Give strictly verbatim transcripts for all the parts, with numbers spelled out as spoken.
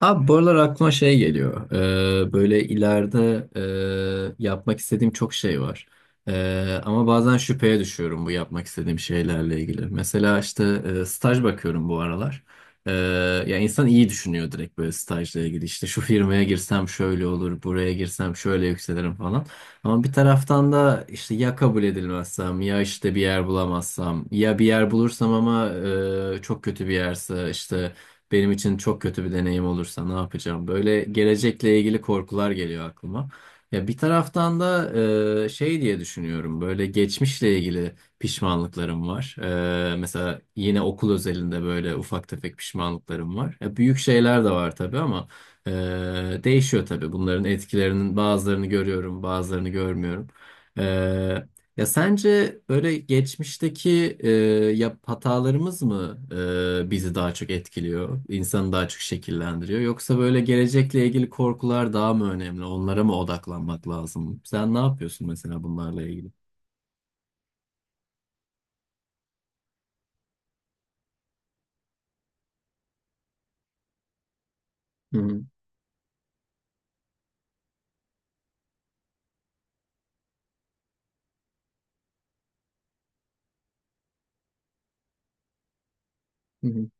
Abi bu aralar aklıma şey geliyor. Ee, böyle ileride e, yapmak istediğim çok şey var. Ee, ama bazen şüpheye düşüyorum bu yapmak istediğim şeylerle ilgili. Mesela işte e, staj bakıyorum bu aralar. Ee, ya insan iyi düşünüyor direkt böyle stajla ilgili. İşte şu firmaya girsem şöyle olur, buraya girsem şöyle yükselirim falan. Ama bir taraftan da işte ya kabul edilmezsem, ya işte bir yer bulamazsam, ya bir yer bulursam ama e, çok kötü bir yerse işte benim için çok kötü bir deneyim olursa ne yapacağım? Böyle gelecekle ilgili korkular geliyor aklıma. Ya bir taraftan da e, şey diye düşünüyorum. Böyle geçmişle ilgili pişmanlıklarım var. E, mesela yine okul özelinde böyle ufak tefek pişmanlıklarım var. Ya büyük şeyler de var tabii ama e, değişiyor tabii. Bunların etkilerinin bazılarını görüyorum, bazılarını görmüyorum. Ya sence böyle geçmişteki e, yap hatalarımız mı e, bizi daha çok etkiliyor, insanı daha çok şekillendiriyor? Yoksa böyle gelecekle ilgili korkular daha mı önemli? Onlara mı odaklanmak lazım? Sen ne yapıyorsun mesela bunlarla ilgili? Hı hı, hı hı,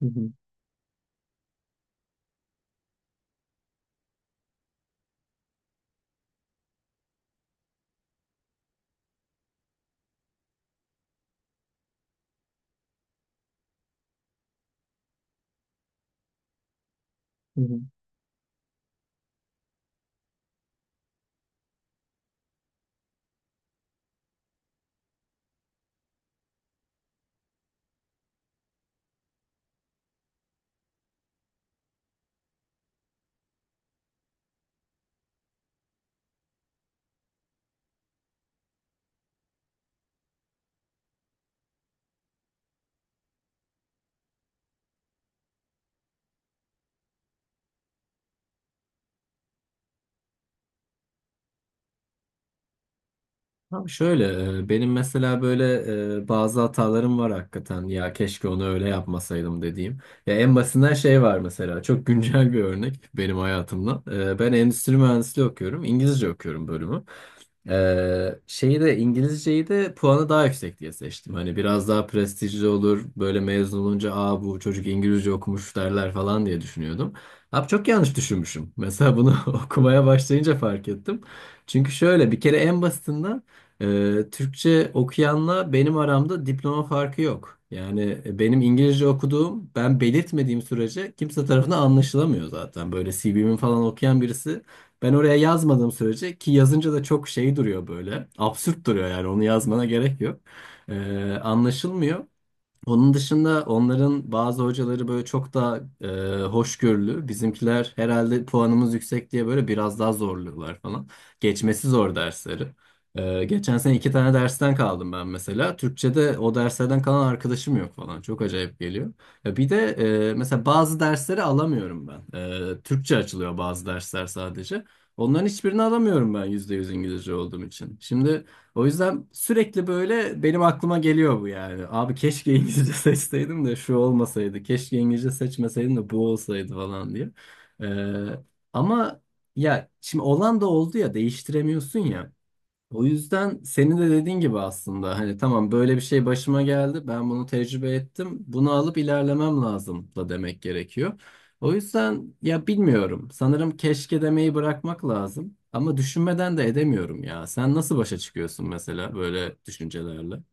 hı hı, hı hı. Abi şöyle e, benim mesela böyle e, bazı hatalarım var hakikaten ya keşke onu öyle yapmasaydım dediğim. Ya en basitinden şey var mesela çok güncel bir örnek benim hayatımdan. E, Ben endüstri mühendisliği okuyorum, İngilizce okuyorum bölümü. Ee, şeyi de İngilizceyi de puanı daha yüksek diye seçtim. Hani biraz daha prestijli olur. Böyle mezun olunca aa bu çocuk İngilizce okumuş derler falan diye düşünüyordum. Abi çok yanlış düşünmüşüm. Mesela bunu okumaya başlayınca fark ettim. Çünkü şöyle bir kere en basitinden e, Türkçe okuyanla benim aramda diploma farkı yok. Yani e, benim İngilizce okuduğum ben belirtmediğim sürece kimse tarafından anlaşılamıyor zaten. Böyle C V'mi falan okuyan birisi ben oraya yazmadığım sürece, ki yazınca da çok şey duruyor böyle. Absürt duruyor, yani onu yazmana gerek yok. Ee, anlaşılmıyor. Onun dışında onların bazı hocaları böyle çok daha e, hoşgörülü. Bizimkiler herhalde puanımız yüksek diye böyle biraz daha zorluyorlar falan. Geçmesi zor dersleri. E, geçen sene iki tane dersten kaldım ben mesela. Türkçe'de o derslerden kalan arkadaşım yok falan. Çok acayip geliyor. Ya bir de e, mesela bazı dersleri alamıyorum ben. E, Türkçe açılıyor bazı dersler sadece. Onların hiçbirini alamıyorum ben yüzde yüz İngilizce olduğum için. Şimdi o yüzden sürekli böyle benim aklıma geliyor bu, yani abi keşke İngilizce seçseydim de şu olmasaydı. Keşke İngilizce seçmeseydim de bu olsaydı falan diye. Ee, ama ya şimdi olan da oldu ya, değiştiremiyorsun ya. O yüzden senin de dediğin gibi aslında hani tamam böyle bir şey başıma geldi, ben bunu tecrübe ettim, bunu alıp ilerlemem lazım da demek gerekiyor. O yüzden ya bilmiyorum, sanırım keşke demeyi bırakmak lazım ama düşünmeden de edemiyorum ya. Sen nasıl başa çıkıyorsun mesela böyle düşüncelerle? Hı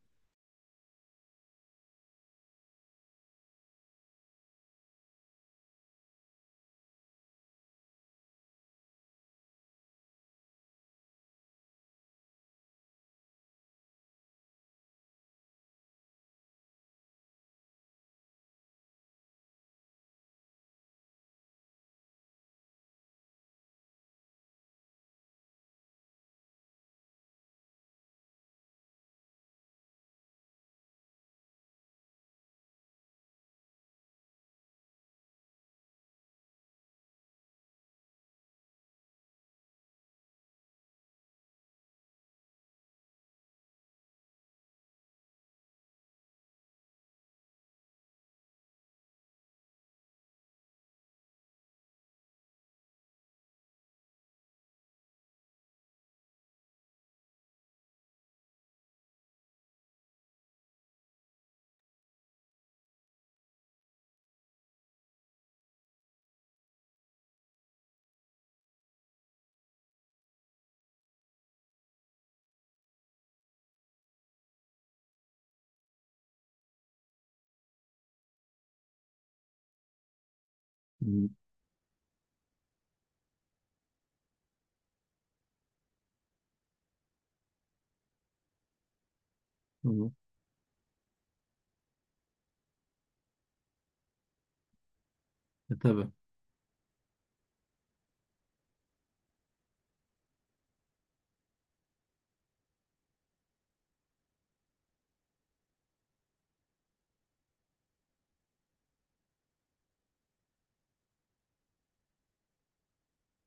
hı. E, tabii.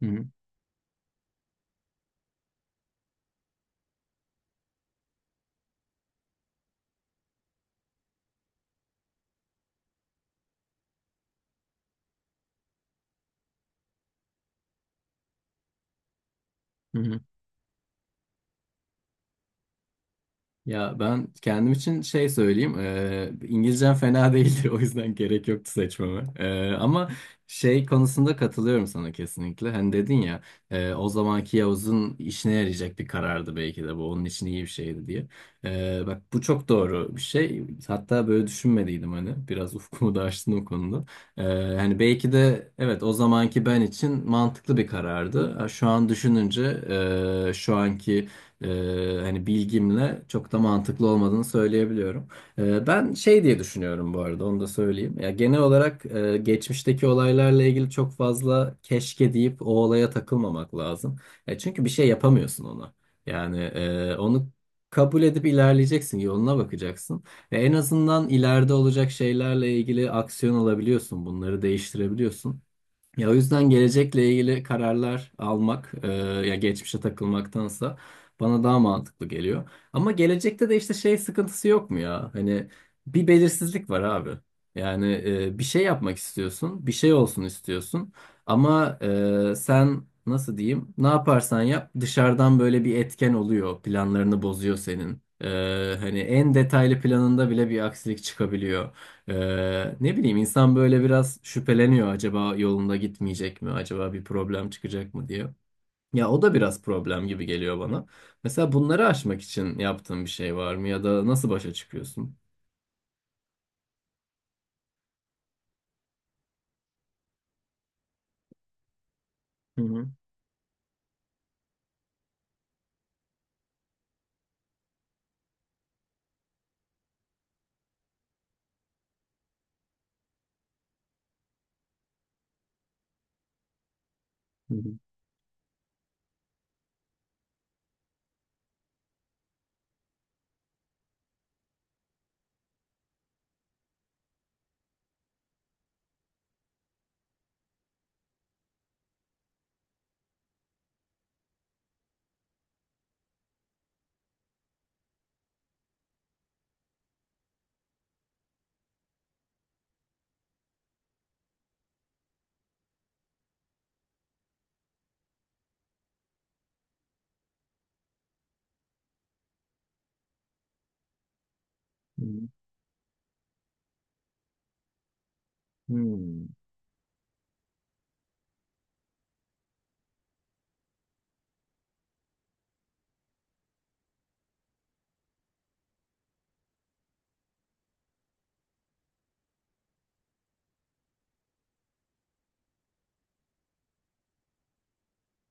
Hı hı. Hı hı. Ya ben kendim için şey söyleyeyim. eee, İngilizcem fena değildi. O yüzden gerek yoktu seçmeme. Eee, ama şey konusunda katılıyorum sana kesinlikle. Hani dedin ya, eee, o zamanki Yavuz'un işine yarayacak bir karardı belki de bu. Onun için iyi bir şeydi diye. Eee, bak bu çok doğru bir şey. Hatta böyle düşünmediydim hani. Biraz ufkumu da açtın o konuda. Eee, hani belki de evet o zamanki ben için mantıklı bir karardı. Ha, şu an düşününce eee, şu anki e, hani bilgimle çok da mantıklı olmadığını söyleyebiliyorum. E, ben şey diye düşünüyorum bu arada, onu da söyleyeyim. Ya genel olarak e, geçmişteki olaylarla ilgili çok fazla keşke deyip o olaya takılmamak lazım. E, çünkü bir şey yapamıyorsun ona. Yani e, onu kabul edip ilerleyeceksin, yoluna bakacaksın. Ve en azından ileride olacak şeylerle ilgili aksiyon alabiliyorsun, bunları değiştirebiliyorsun. Ya o yüzden gelecekle ilgili kararlar almak, e, ya geçmişe takılmaktansa bana daha mantıklı geliyor. Ama gelecekte de işte şey sıkıntısı yok mu ya? Hani bir belirsizlik var abi. Yani e, bir şey yapmak istiyorsun, bir şey olsun istiyorsun. Ama e, sen nasıl diyeyim? Ne yaparsan yap dışarıdan böyle bir etken oluyor, planlarını bozuyor senin. E, hani en detaylı planında bile bir aksilik çıkabiliyor. Ee, ne bileyim, insan böyle biraz şüpheleniyor acaba yolunda gitmeyecek mi, acaba bir problem çıkacak mı diye. Ya o da biraz problem gibi geliyor bana. Mesela bunları aşmak için yaptığın bir şey var mı ya da nasıl başa çıkıyorsun? Hı hı. Hı hı. Hı hı. Hmm.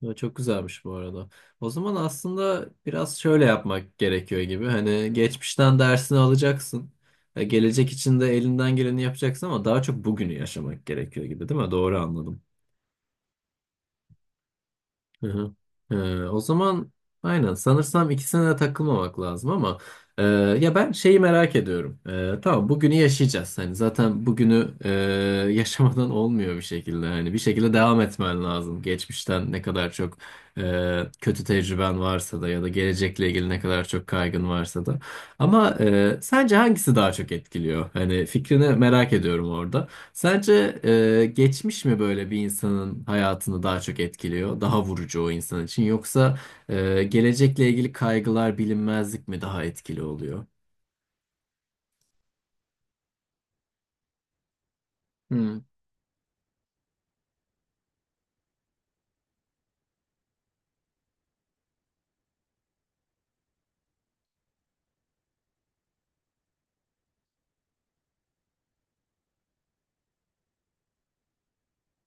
Ya çok güzelmiş bu arada. O zaman aslında biraz şöyle yapmak gerekiyor gibi. Hani geçmişten dersini alacaksın. Ya gelecek için de elinden geleni yapacaksın ama daha çok bugünü yaşamak gerekiyor gibi, değil mi? Doğru anladım. Hı hı. Ee, o zaman aynen, sanırsam ikisine de takılmamak lazım ama e, ya ben şeyi merak ediyorum. E, tamam bugünü yaşayacağız. Hani zaten bugünü e, yaşamadan olmuyor bir şekilde. Hani bir şekilde devam etmen lazım. Geçmişten ne kadar çok e, kötü tecrüben varsa da ya da gelecekle ilgili ne kadar çok kaygın varsa da. Ama e, sence hangisi daha çok etkiliyor? Hani fikrini merak ediyorum orada. Sence e, geçmiş mi böyle bir insanın hayatını daha çok etkiliyor, daha vurucu o insan için, yoksa e, gelecekle ilgili kaygılar, bilinmezlik mi daha etkili oluyor? Hmm.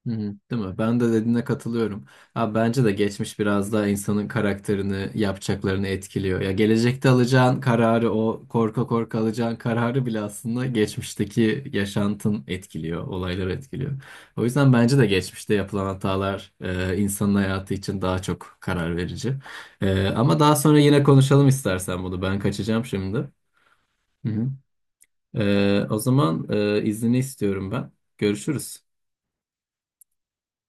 Hı hı, değil mi? Ben de dediğine katılıyorum. Ha, bence de geçmiş biraz daha insanın karakterini, yapacaklarını etkiliyor. Ya gelecekte alacağın kararı, o korka korka alacağın kararı bile aslında geçmişteki yaşantın etkiliyor, olaylar etkiliyor. O yüzden bence de geçmişte yapılan hatalar e, insanın hayatı için daha çok karar verici. E, ama daha sonra yine konuşalım istersen bunu. Ben kaçacağım şimdi. Hı hı. E, o zaman e, iznini istiyorum ben. Görüşürüz.